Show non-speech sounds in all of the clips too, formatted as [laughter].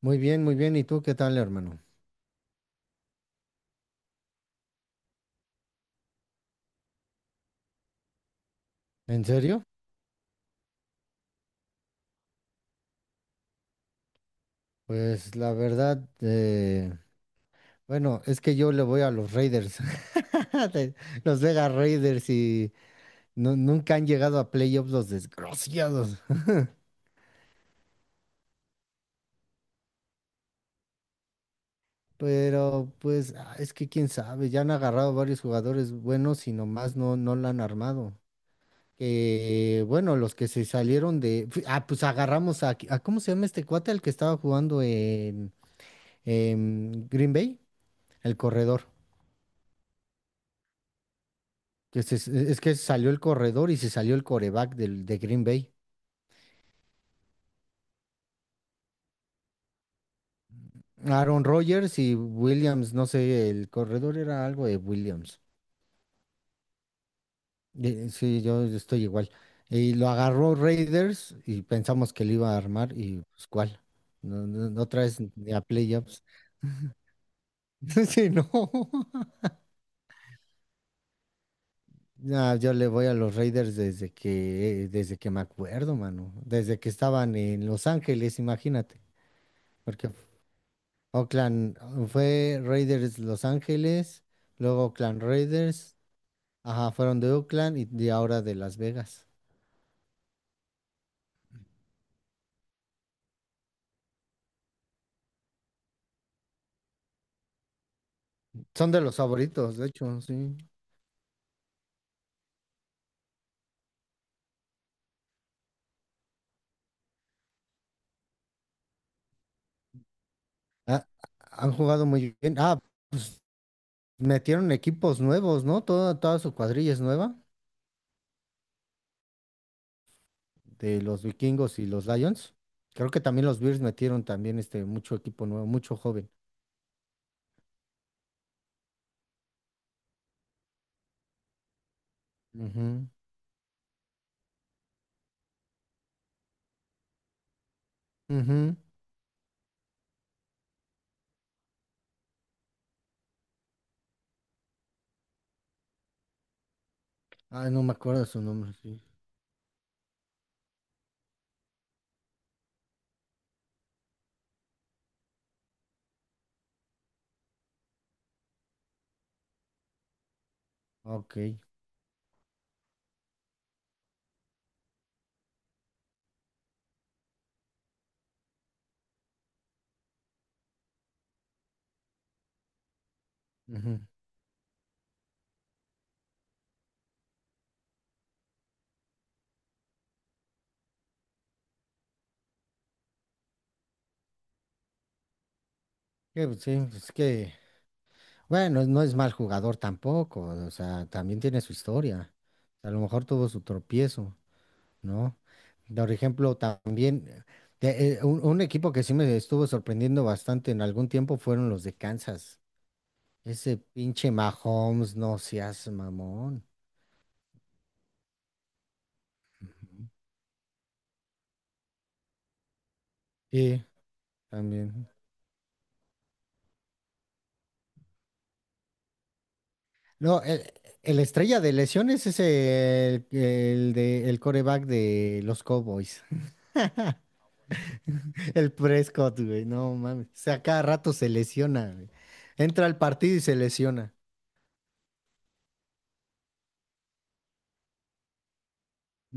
Muy bien, muy bien. ¿Y tú qué tal, hermano? ¿En serio? Pues la verdad, bueno, es que yo le voy a los Raiders, [laughs] de- los Vegas Raiders y nunca han llegado a playoffs los desgraciados. [laughs] Pero pues ah, es que quién sabe, ya han agarrado varios jugadores buenos y nomás no, no la han armado. Que bueno, los que se salieron de... Ah, pues agarramos a... ¿Cómo se llama este cuate? El que estaba jugando en Green Bay, el corredor. Es que salió el corredor y se salió el coreback de Green Bay. Aaron Rodgers y Williams, no sé, el corredor era algo de Williams. Sí, yo estoy igual. Y lo agarró Raiders y pensamos que lo iba a armar y pues cuál. No, no, no traes ni a playoffs. [laughs] Sí, no. No, yo le voy a los Raiders desde que, desde que me acuerdo, mano. Desde que estaban en Los Ángeles, imagínate. Porque Oakland fue Raiders Los Ángeles, luego Oakland Raiders, ajá, fueron de Oakland y de ahora de Las Vegas. Son de los favoritos, de hecho, sí. Ah, han jugado muy bien. Ah, metieron equipos nuevos, ¿no? Toda su cuadrilla es nueva, de los Vikingos y los Lions. Creo que también los Bears metieron también este mucho equipo nuevo, mucho joven. Ujú, ujú. Ay, no me acuerdo su nombre, sí. Ok, ujú. Que, pues, sí, pues, es que bueno, no es mal jugador tampoco, o sea, también tiene su historia. A lo mejor tuvo su tropiezo, ¿no? Por ejemplo, también un equipo que sí me estuvo sorprendiendo bastante en algún tiempo fueron los de Kansas. Ese pinche Mahomes, no seas mamón. Sí, también. No, el estrella de lesiones es el de el coreback de los Cowboys. El Prescott, güey, no mames. O sea, cada rato se lesiona, güey. Entra al partido y se lesiona.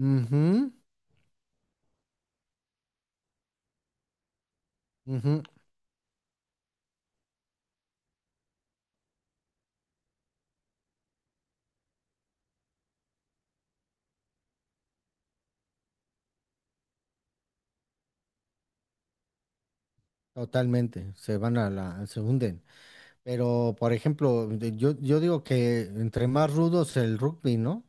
Ujú, ujú, totalmente. Se van a se hunden. Pero, por ejemplo, yo digo que entre más rudos el rugby, ¿no?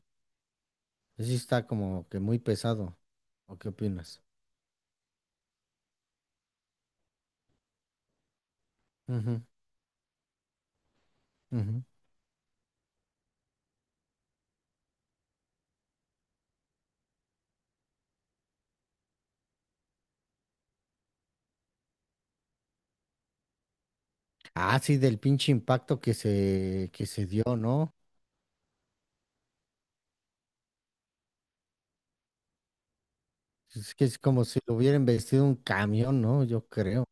Sí está como que muy pesado. ¿O qué opinas? Ujú, ujú. Ah, sí, del pinche impacto que que se dio, ¿no? Es que es como si lo hubieran vestido un camión, ¿no? Yo creo.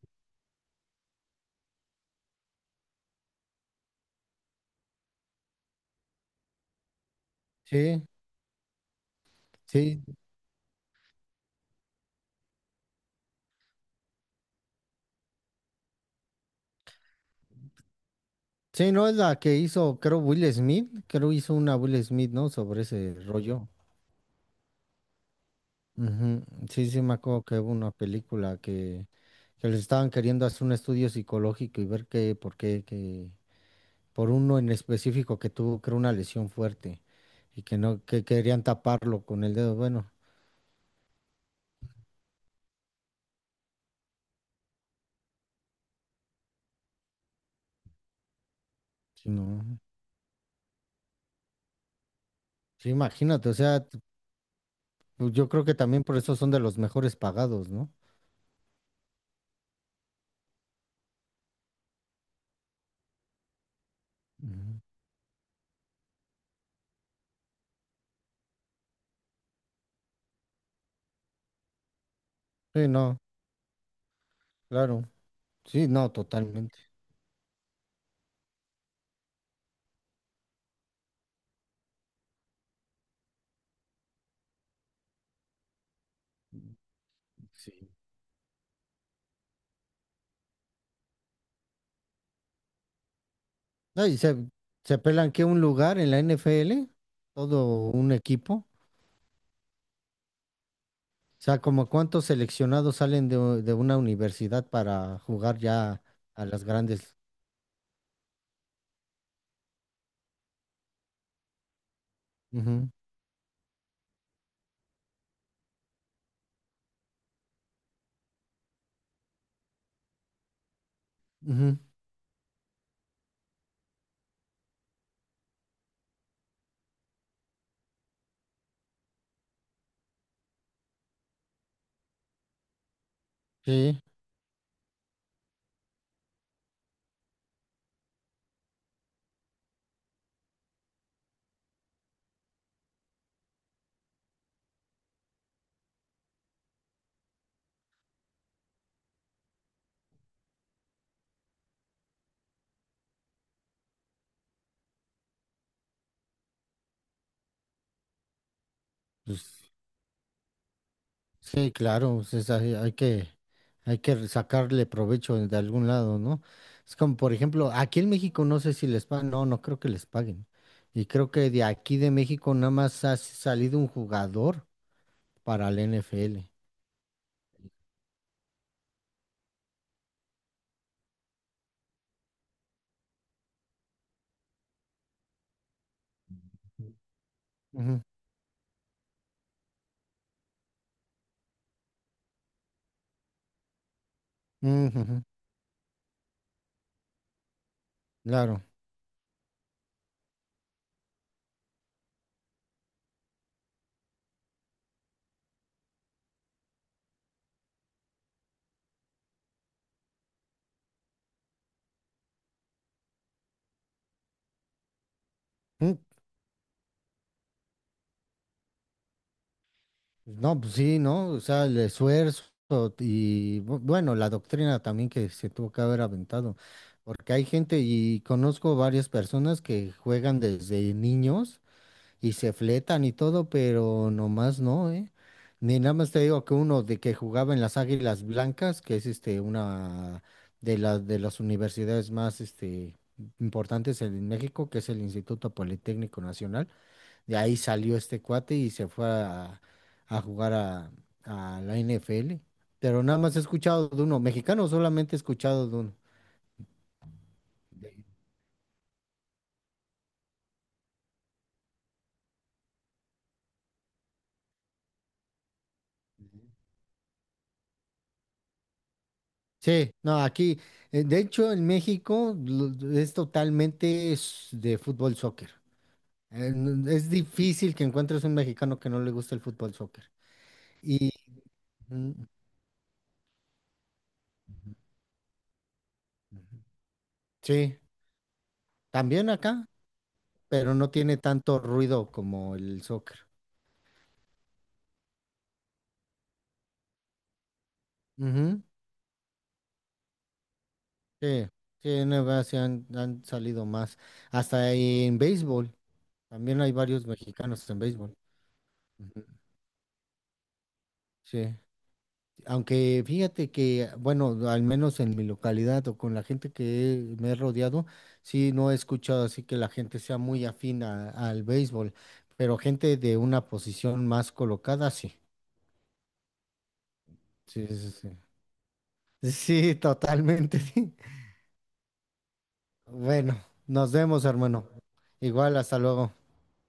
Sí, sí, sí, no es la que hizo, creo, Will Smith. Creo hizo una Will Smith, ¿no? Sobre ese rollo. Ujú. Sí, sí, me acuerdo que hubo una película que les estaban queriendo hacer un estudio psicológico y ver qué, por qué, que, por uno en específico que tuvo, creo, una lesión fuerte y que no, que querían taparlo con el dedo. Bueno, sí, no. Sí, imagínate, o sea, pues yo creo que también por eso son de los mejores pagados, ¿no? Ujú. Sí, no, claro. Sí, no, totalmente. Sí. No, y se pelan que un lugar en la NFL, todo un equipo. O sea, como cuántos seleccionados salen de una universidad para jugar ya a las grandes. Ujú, ujú. Sí, pues, sí, claro, pues, es ahí- hay que sacarle provecho de algún lado, ¿no? Es como, por ejemplo, aquí en México no sé si les pagan, no, no creo que les paguen. Y creo que de aquí de México nada más ha salido un jugador para la NFL. Ujú, ujú, ujú. Claro. Mm, no, pues sí, ¿no? O sea, el esfuerzo y bueno, la doctrina también que se tuvo que haber aventado, porque hay gente y conozco varias personas que juegan desde niños y se fletan y todo, pero nomás no, ¿eh? Ni nada más te digo que uno de que jugaba en las Águilas Blancas, que es este una de las universidades más este importantes en México, que es el Instituto Politécnico Nacional. De ahí salió este cuate y se fue a jugar a la NFL. Pero nada más he escuchado de uno. Mexicano solamente he escuchado de uno. Sí, no, aquí, de hecho, en México es totalmente de fútbol soccer. Es difícil que encuentres un mexicano que no le guste el fútbol soccer. Y mm, ujú, sí, también acá, pero no tiene tanto ruido como el soccer. Sí, sí, en NBA sí han, han salido más. Hasta en béisbol, también hay varios mexicanos en béisbol. Ujú. Sí, aunque fíjate que, bueno, al menos en mi localidad o con la gente que me he rodeado, sí, no he escuchado así que la gente sea muy afín al béisbol, pero gente de una posición más colocada, sí. Sí, sí, sí. Sí, totalmente. [laughs] Bueno, nos vemos, hermano. Igual, hasta luego.